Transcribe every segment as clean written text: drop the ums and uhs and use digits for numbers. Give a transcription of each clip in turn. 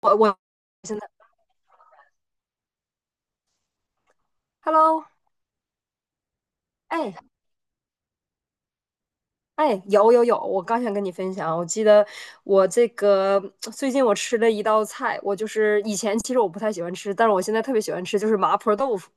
我，Hello，哎哎，有，我刚想跟你分享，我记得我这个最近我吃了一道菜，我就是以前其实我不太喜欢吃，但是我现在特别喜欢吃，就是麻婆豆腐。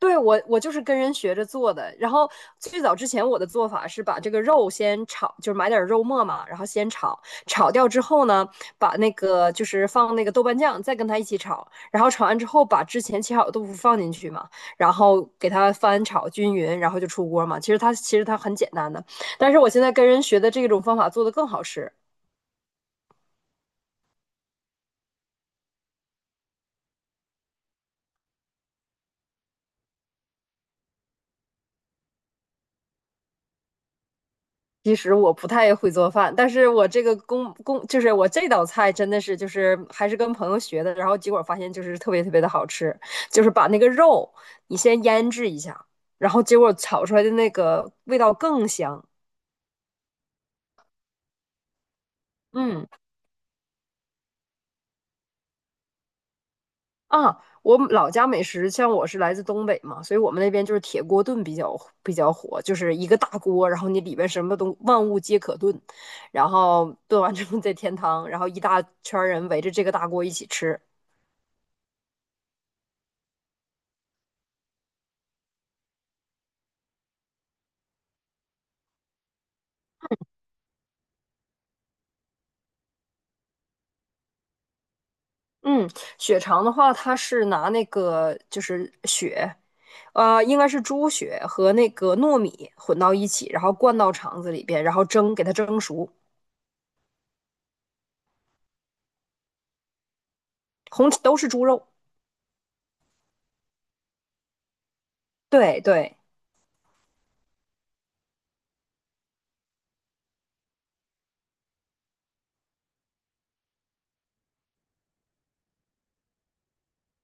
对，我就是跟人学着做的。然后最早之前我的做法是把这个肉先炒，就是买点肉末嘛，然后先炒，炒掉之后呢，把那个就是放那个豆瓣酱，再跟它一起炒，然后炒完之后把之前切好的豆腐放进去嘛，然后给它翻炒均匀，然后就出锅嘛。其实它很简单的，但是我现在跟人学的这种方法做的更好吃，其实我不太会做饭，但是我这道菜真的是就是还是跟朋友学的，然后结果发现就是特别的好吃，就是把那个肉你先腌制一下，然后结果炒出来的那个味道更香。嗯啊，我老家美食，像我是来自东北嘛，所以我们那边就是铁锅炖比较火，就是一个大锅，然后你里边什么都万物皆可炖，然后炖完之后再添汤，然后一大圈人围着这个大锅一起吃。嗯，血肠的话，它是拿那个就是血，应该是猪血和那个糯米混到一起，然后灌到肠子里边，然后蒸，给它蒸熟，红都是猪肉。对对，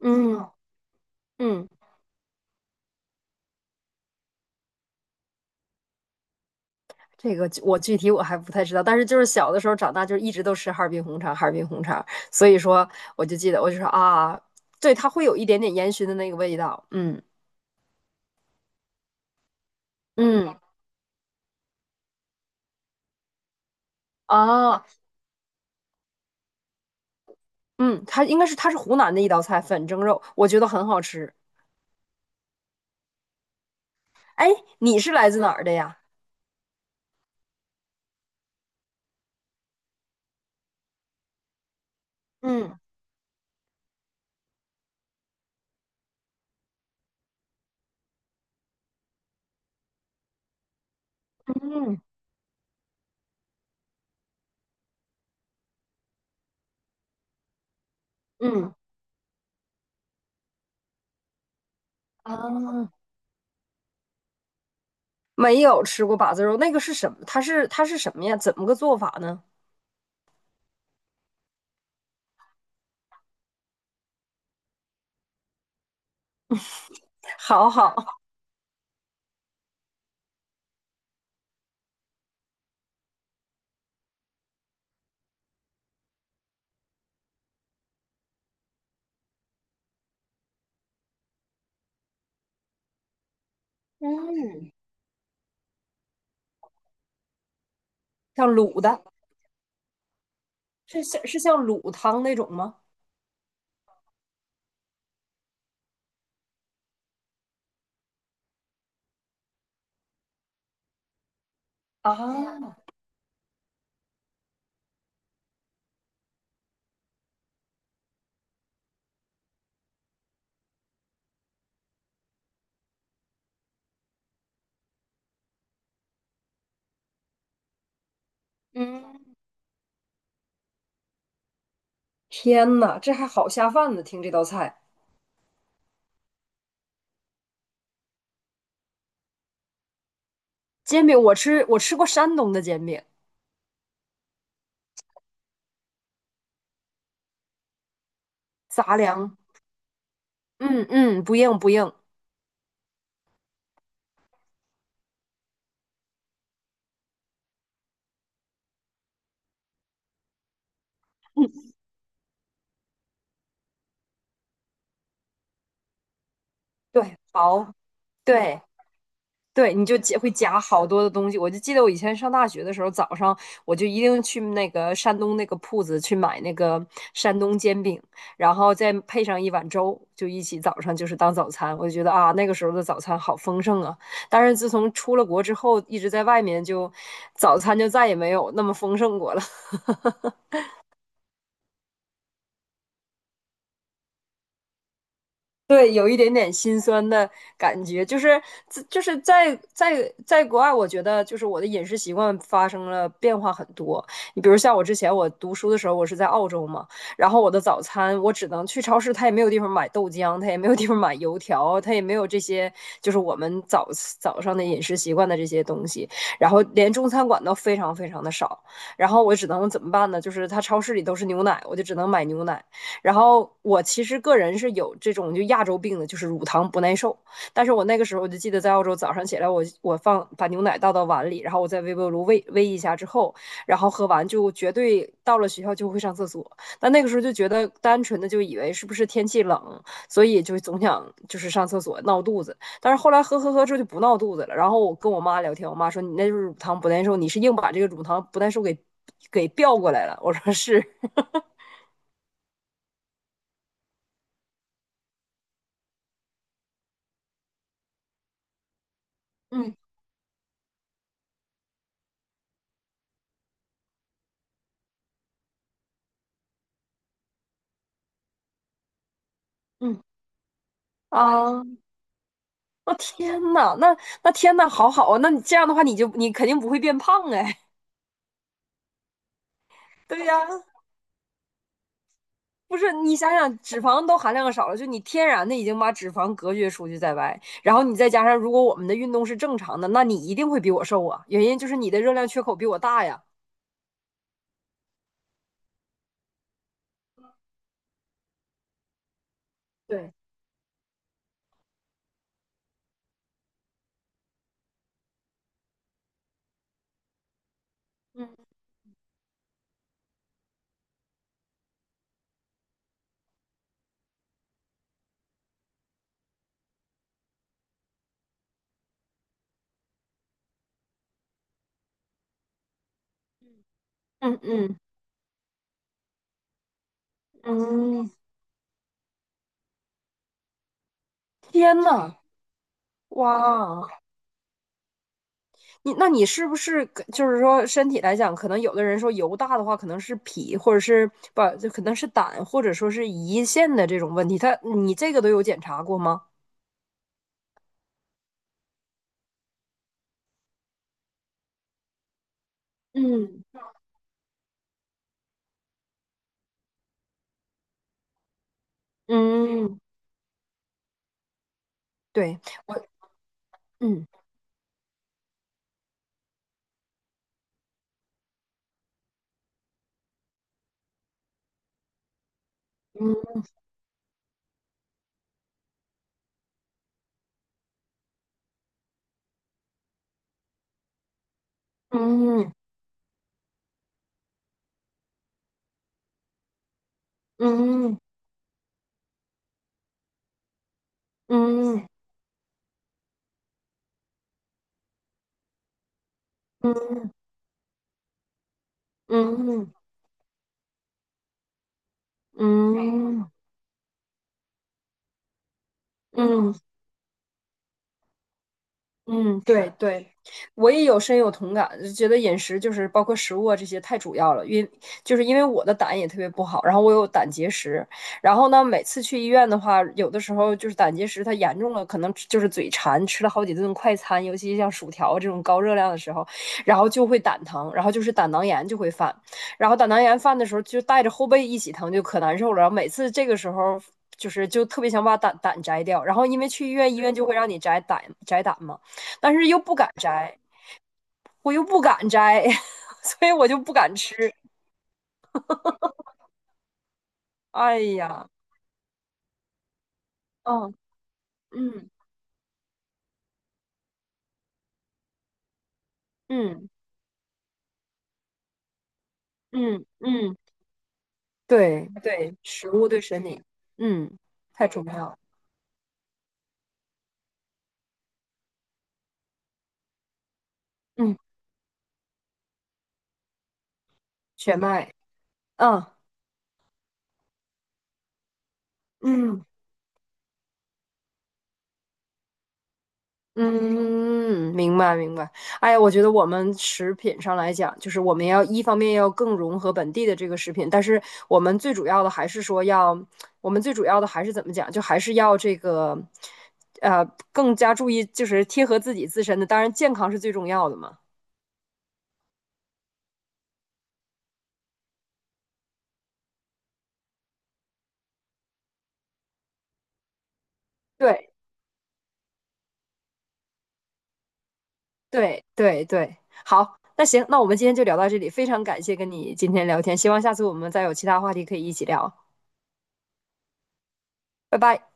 嗯嗯，这个我具体还不太知道，但是就是小的时候长大，就是一直都吃哈尔滨红肠，哈尔滨红肠，所以说我就记得，我就说啊，对，它会有一点点烟熏的那个味道，嗯。嗯啊，嗯，它应该是它是湖南的一道菜，粉蒸肉，我觉得很好吃。哎，你是来自哪儿的呀？嗯。嗯嗯啊，没有吃过把子肉，那个是什么？它是什么呀？怎么个做法呢？好好，嗯，像卤的，是像卤汤那种吗？啊，嗯，天呐，这还好下饭呢！听这道菜，煎饼我吃过山东的煎饼，杂粮，嗯嗯，不硬不硬，对，薄，对。对，你就夹好多的东西。我就记得我以前上大学的时候，早上我就一定去那个山东那个铺子去买那个山东煎饼，然后再配上一碗粥，就一起早上就是当早餐。我就觉得啊，那个时候的早餐好丰盛啊。但是自从出了国之后，一直在外面就早餐就再也没有那么丰盛过了。对，有一点点心酸的感觉，就是就是在国外，我觉得就是我的饮食习惯发生了变化很多。你比如像我之前我读书的时候，我是在澳洲嘛，然后我的早餐我只能去超市，它也没有地方买豆浆，它也没有地方买油条，它也没有这些就是我们早上的饮食习惯的这些东西，然后连中餐馆都非常的少，然后我只能怎么办呢？就是它超市里都是牛奶，我就只能买牛奶。然后我其实个人是有这种就亚洲病的，就是乳糖不耐受。但是我那个时候我就记得在澳洲早上起来我放把牛奶倒到碗里，然后我在微波炉煨一下之后，然后喝完就绝对到了学校就会上厕所。但那个时候就觉得单纯的就以为是不是天气冷，所以就总想就是上厕所闹肚子。但是后来喝之后就不闹肚子了。然后我跟我妈聊天，我妈说你那就是乳糖不耐受，你是硬把这个乳糖不耐受给调过来了。我说是，嗯嗯。 啊。哦天呐，那天呐，好好啊，那你这样的话，你肯定不会变胖哎。对呀，不是，你想想，脂肪都含量少了，就你天然的已经把脂肪隔绝出去在外，然后你再加上，如果我们的运动是正常的，那你一定会比我瘦啊。原因就是你的热量缺口比我大呀。对，嗯嗯嗯嗯，天呐，哇！你那你是不是就是说身体来讲，可能有的人说油大的话，可能是脾或者是不就可能是胆或者说是胰腺的这种问题，他你这个都有检查过吗？嗯嗯，对，我。嗯嗯嗯嗯嗯嗯嗯嗯嗯嗯嗯嗯嗯，对对，我也有深有同感，就觉得饮食就是包括食物啊这些太主要了，因就是因为我的胆也特别不好，然后我有胆结石，然后呢每次去医院的话，有的时候就是胆结石它严重了，可能吃就是嘴馋，吃了好几顿快餐，尤其像薯条这种高热量的时候，然后就会胆疼，然后就是胆囊炎就会犯，然后胆囊炎犯的时候就带着后背一起疼，就可难受了，然后每次这个时候就特别想把胆摘掉，然后因为去医院，医院就会让你摘胆嘛。但是又不敢摘，我又不敢摘，所以我就不敢吃。哎呀，嗯嗯嗯嗯嗯，对对，食物对身体，嗯，太重要了。嗯，全麦，嗯嗯。嗯，明白明白。哎呀，我觉得我们食品上来讲，就是我们要一方面要更融合本地的这个食品，但是我们最主要的还是说要，我们最主要的还是怎么讲，就还是要这个，呃，更加注意就是贴合自己自身的，当然健康是最重要的嘛。对对对对，好，那行，那我们今天就聊到这里，非常感谢跟你今天聊天，希望下次我们再有其他话题可以一起聊，拜拜。